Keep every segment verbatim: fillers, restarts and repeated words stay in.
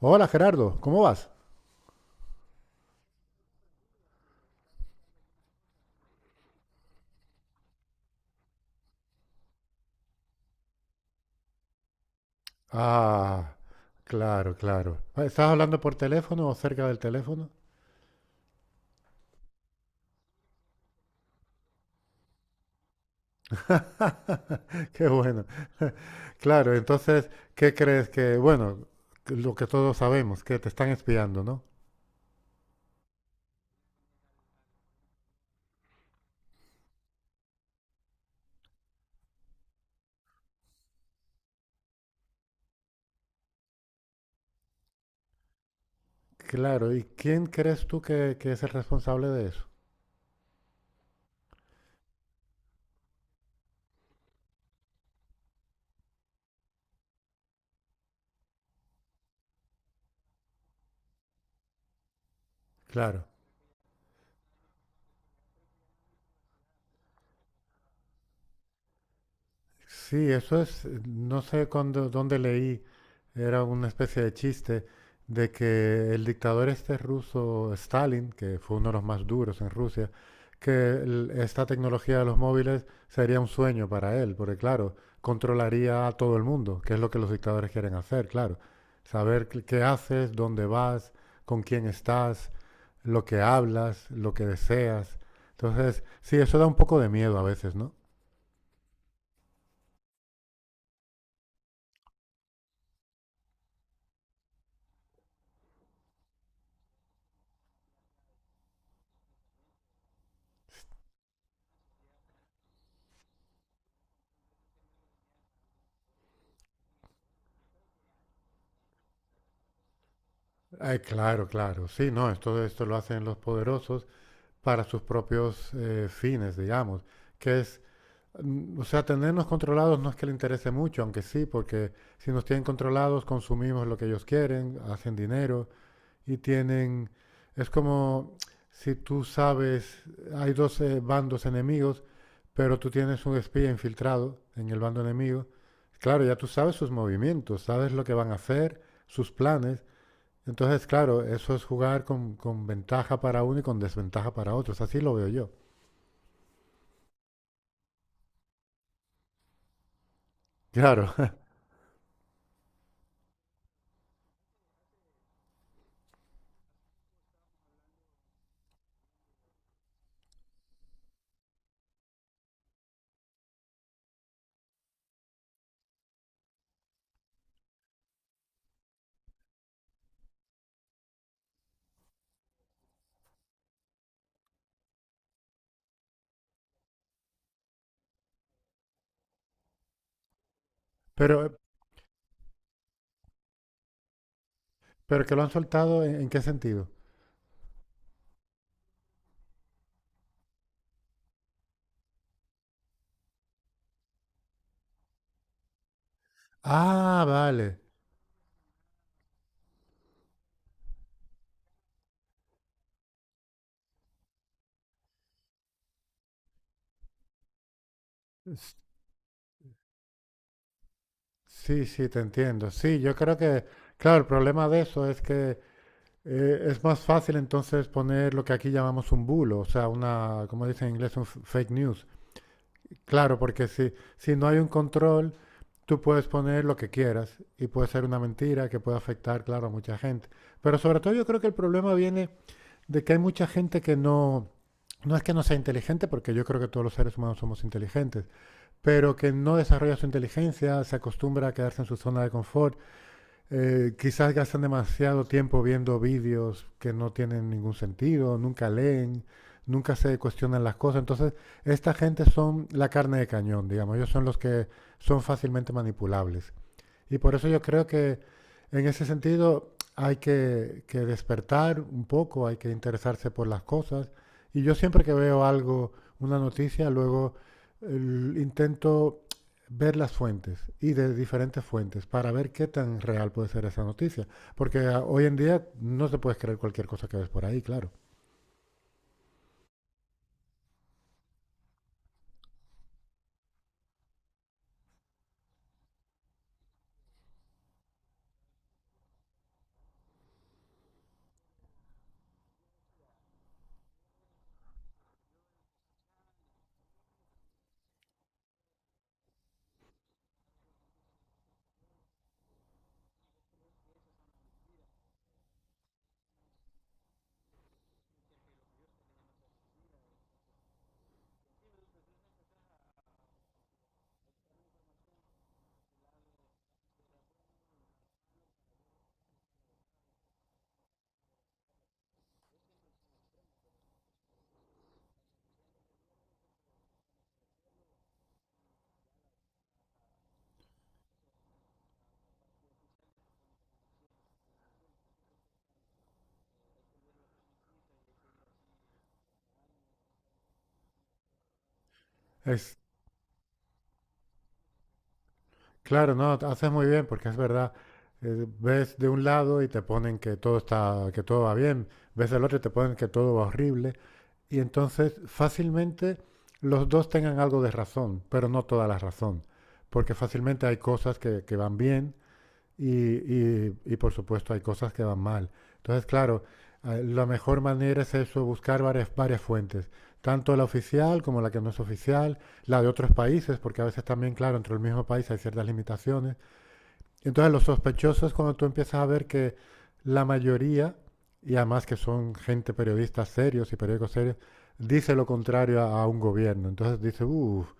Hola Gerardo, ¿cómo vas? Ah, claro, claro. Ah, ¿estás hablando por teléfono o cerca del teléfono? Qué bueno. Claro, entonces, ¿qué crees que, bueno, lo que todos sabemos, que te están espiando, ¿no? Claro, ¿y quién crees tú que, que es el responsable de eso? Claro. Sí, eso es, no sé cuándo- dónde leí. Era una especie de chiste de que el dictador este ruso, Stalin, que fue uno de los más duros en Rusia, que el- esta tecnología de los móviles sería un sueño para él, porque claro, controlaría a todo el mundo, que es lo que los dictadores quieren hacer, claro. Saber qué qué haces, dónde vas, con quién estás, lo que hablas, lo que deseas. Entonces, sí, eso da un poco de miedo a veces, ¿no? Ay, claro, claro. Sí, no, esto, esto lo hacen los poderosos para sus propios eh, fines, digamos, que es, mm, o sea, tenernos controlados no es que le interese mucho, aunque sí, porque si nos tienen controlados consumimos lo que ellos quieren, hacen dinero y tienen, es como si tú sabes, hay dos eh, bandos enemigos, pero tú tienes un espía infiltrado en el bando enemigo, claro, ya tú sabes sus movimientos, sabes lo que van a hacer, sus planes, entonces, claro, eso es jugar con, con ventaja para uno y con desventaja para otros. Así lo veo yo. Claro. Pero, pero que lo han soltado, ¿en, en qué sentido? Ah, vale. S- Sí, sí, te entiendo. Sí, yo creo que, claro, el problema de eso es que eh, es más fácil entonces poner lo que aquí llamamos un bulo, o sea, una, como dicen en inglés, un f- fake news. Claro, porque si, si no hay un control... Tú puedes poner lo que quieras y puede ser una mentira que puede afectar, claro, a mucha gente. Pero sobre todo yo creo que el problema viene de que hay mucha gente que no, no es que no sea inteligente, porque yo creo que todos los seres humanos somos inteligentes, pero que no desarrolla su inteligencia, se acostumbra a quedarse en su zona de confort, eh, quizás gastan demasiado tiempo viendo vídeos que no tienen ningún sentido, nunca leen, nunca se cuestionan las cosas. Entonces, esta gente son la carne de cañón, digamos, ellos son los que son fácilmente manipulables. Y por eso yo creo que en ese sentido hay que, que despertar un poco, hay que interesarse por las cosas. Y yo siempre que veo algo, una noticia, luego eh, intento ver las fuentes y de diferentes fuentes para ver qué tan real puede ser esa noticia. Porque ah, hoy en día no se puede creer cualquier cosa que ves por ahí, claro. Es Claro, no, haces muy bien porque es verdad. Eh, ves de un lado y te ponen que todo está, que todo va bien. Ves del otro y te ponen que todo va horrible. Y entonces fácilmente los dos tengan algo de razón, pero no toda la razón. Porque fácilmente hay cosas que, que van bien y, y- y, por supuesto hay cosas que van mal. Entonces, claro, eh, la mejor manera es eso, buscar varias, varias fuentes, tanto la oficial como la que no es oficial, la de otros países, porque a veces también, claro, entre el mismo país hay ciertas limitaciones. Entonces, los sospechosos, cuando tú empiezas a ver que la mayoría, y además que son gente periodistas serios y periódicos serios, dice lo contrario a, a un gobierno. Entonces dice, uff,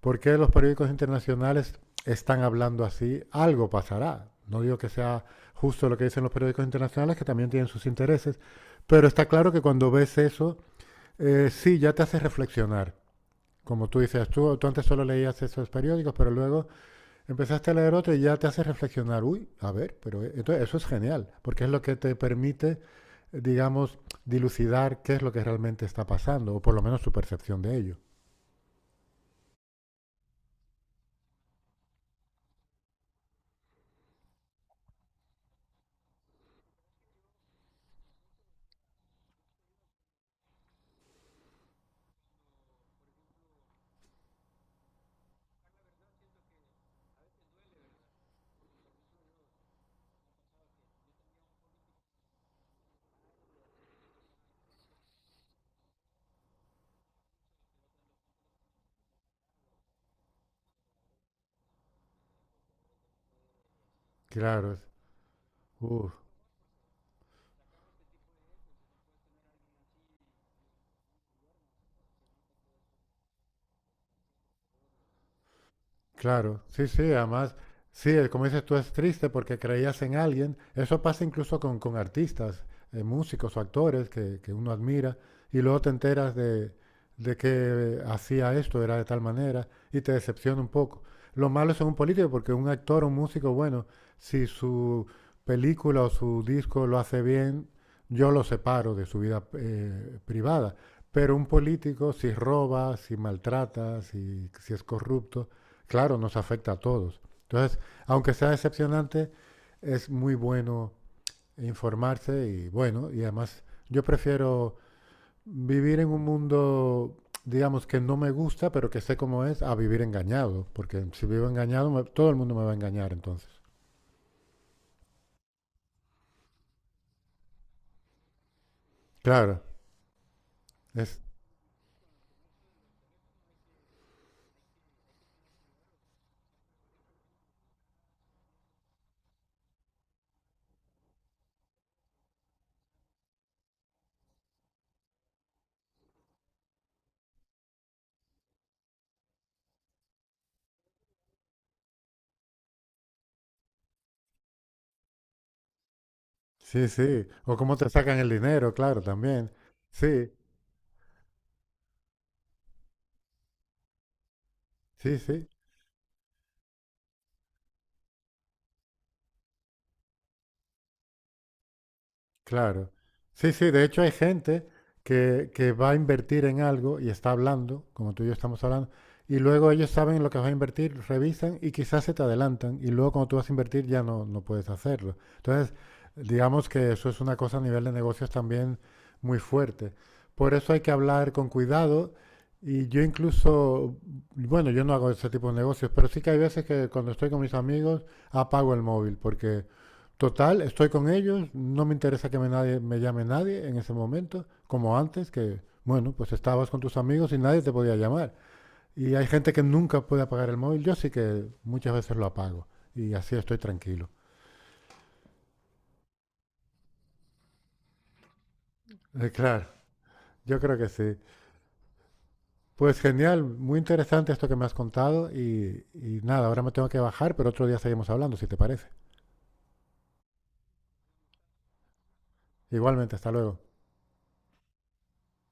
¿por qué los periódicos internacionales están hablando así? Algo pasará. No digo que sea justo lo que dicen los periódicos internacionales, que también tienen sus intereses, pero está claro que cuando ves eso, eh, sí, ya te hace reflexionar. Como tú dices, tú, tú antes solo leías esos periódicos, pero luego empezaste a leer otro y ya te hace reflexionar. Uy, a ver, pero e-". entonces eso es genial, porque es lo que te permite, digamos, dilucidar qué es lo que realmente está pasando, o por lo menos tu percepción de ello. Claro, es- uf. Claro, sí, sí, además, sí, eh, como dices tú, es triste porque creías en alguien. Eso pasa incluso con, con artistas, eh, músicos o actores que, que uno admira y luego te enteras de, de que hacía esto, era de tal manera y te decepciona un poco. Lo malo es en un político porque un actor o un músico, bueno, si su película o su disco lo hace bien, yo lo separo de su vida eh, privada. Pero un político, si roba, si maltrata, si, si es corrupto, claro, nos afecta a todos. Entonces, aunque sea decepcionante, es muy bueno informarse y bueno, y además yo prefiero vivir en un mundo, digamos, que no me gusta, pero que sé cómo es, a vivir engañado, porque si vivo engañado, me- todo el mundo me va a engañar entonces. Claro, es, sí, sí, o cómo te sacan el dinero, claro, también. Sí, sí, sí. Claro. Sí, sí, de hecho hay gente que, que va a invertir en algo y está hablando, como tú y yo estamos hablando, y luego ellos saben lo que vas a invertir, revisan y quizás se te adelantan, y luego cuando tú vas a invertir ya no, no puedes hacerlo. Entonces, digamos que eso es una cosa a nivel de negocios también muy fuerte. Por eso hay que hablar con cuidado y yo incluso, bueno, yo no hago ese tipo de negocios, pero sí que hay veces que cuando estoy con mis amigos apago el móvil porque total, estoy con ellos, no me interesa que me, nadie, me llame nadie en ese momento, como antes, que, bueno, pues estabas con tus amigos y nadie te podía llamar. Y hay gente que nunca puede apagar el móvil, yo sí que muchas veces lo apago y así estoy tranquilo. Eh, claro, yo creo que sí. Pues genial, muy interesante esto que me has contado y, y nada, ahora me tengo que bajar, pero otro día seguimos hablando, si te parece. Igualmente, hasta luego.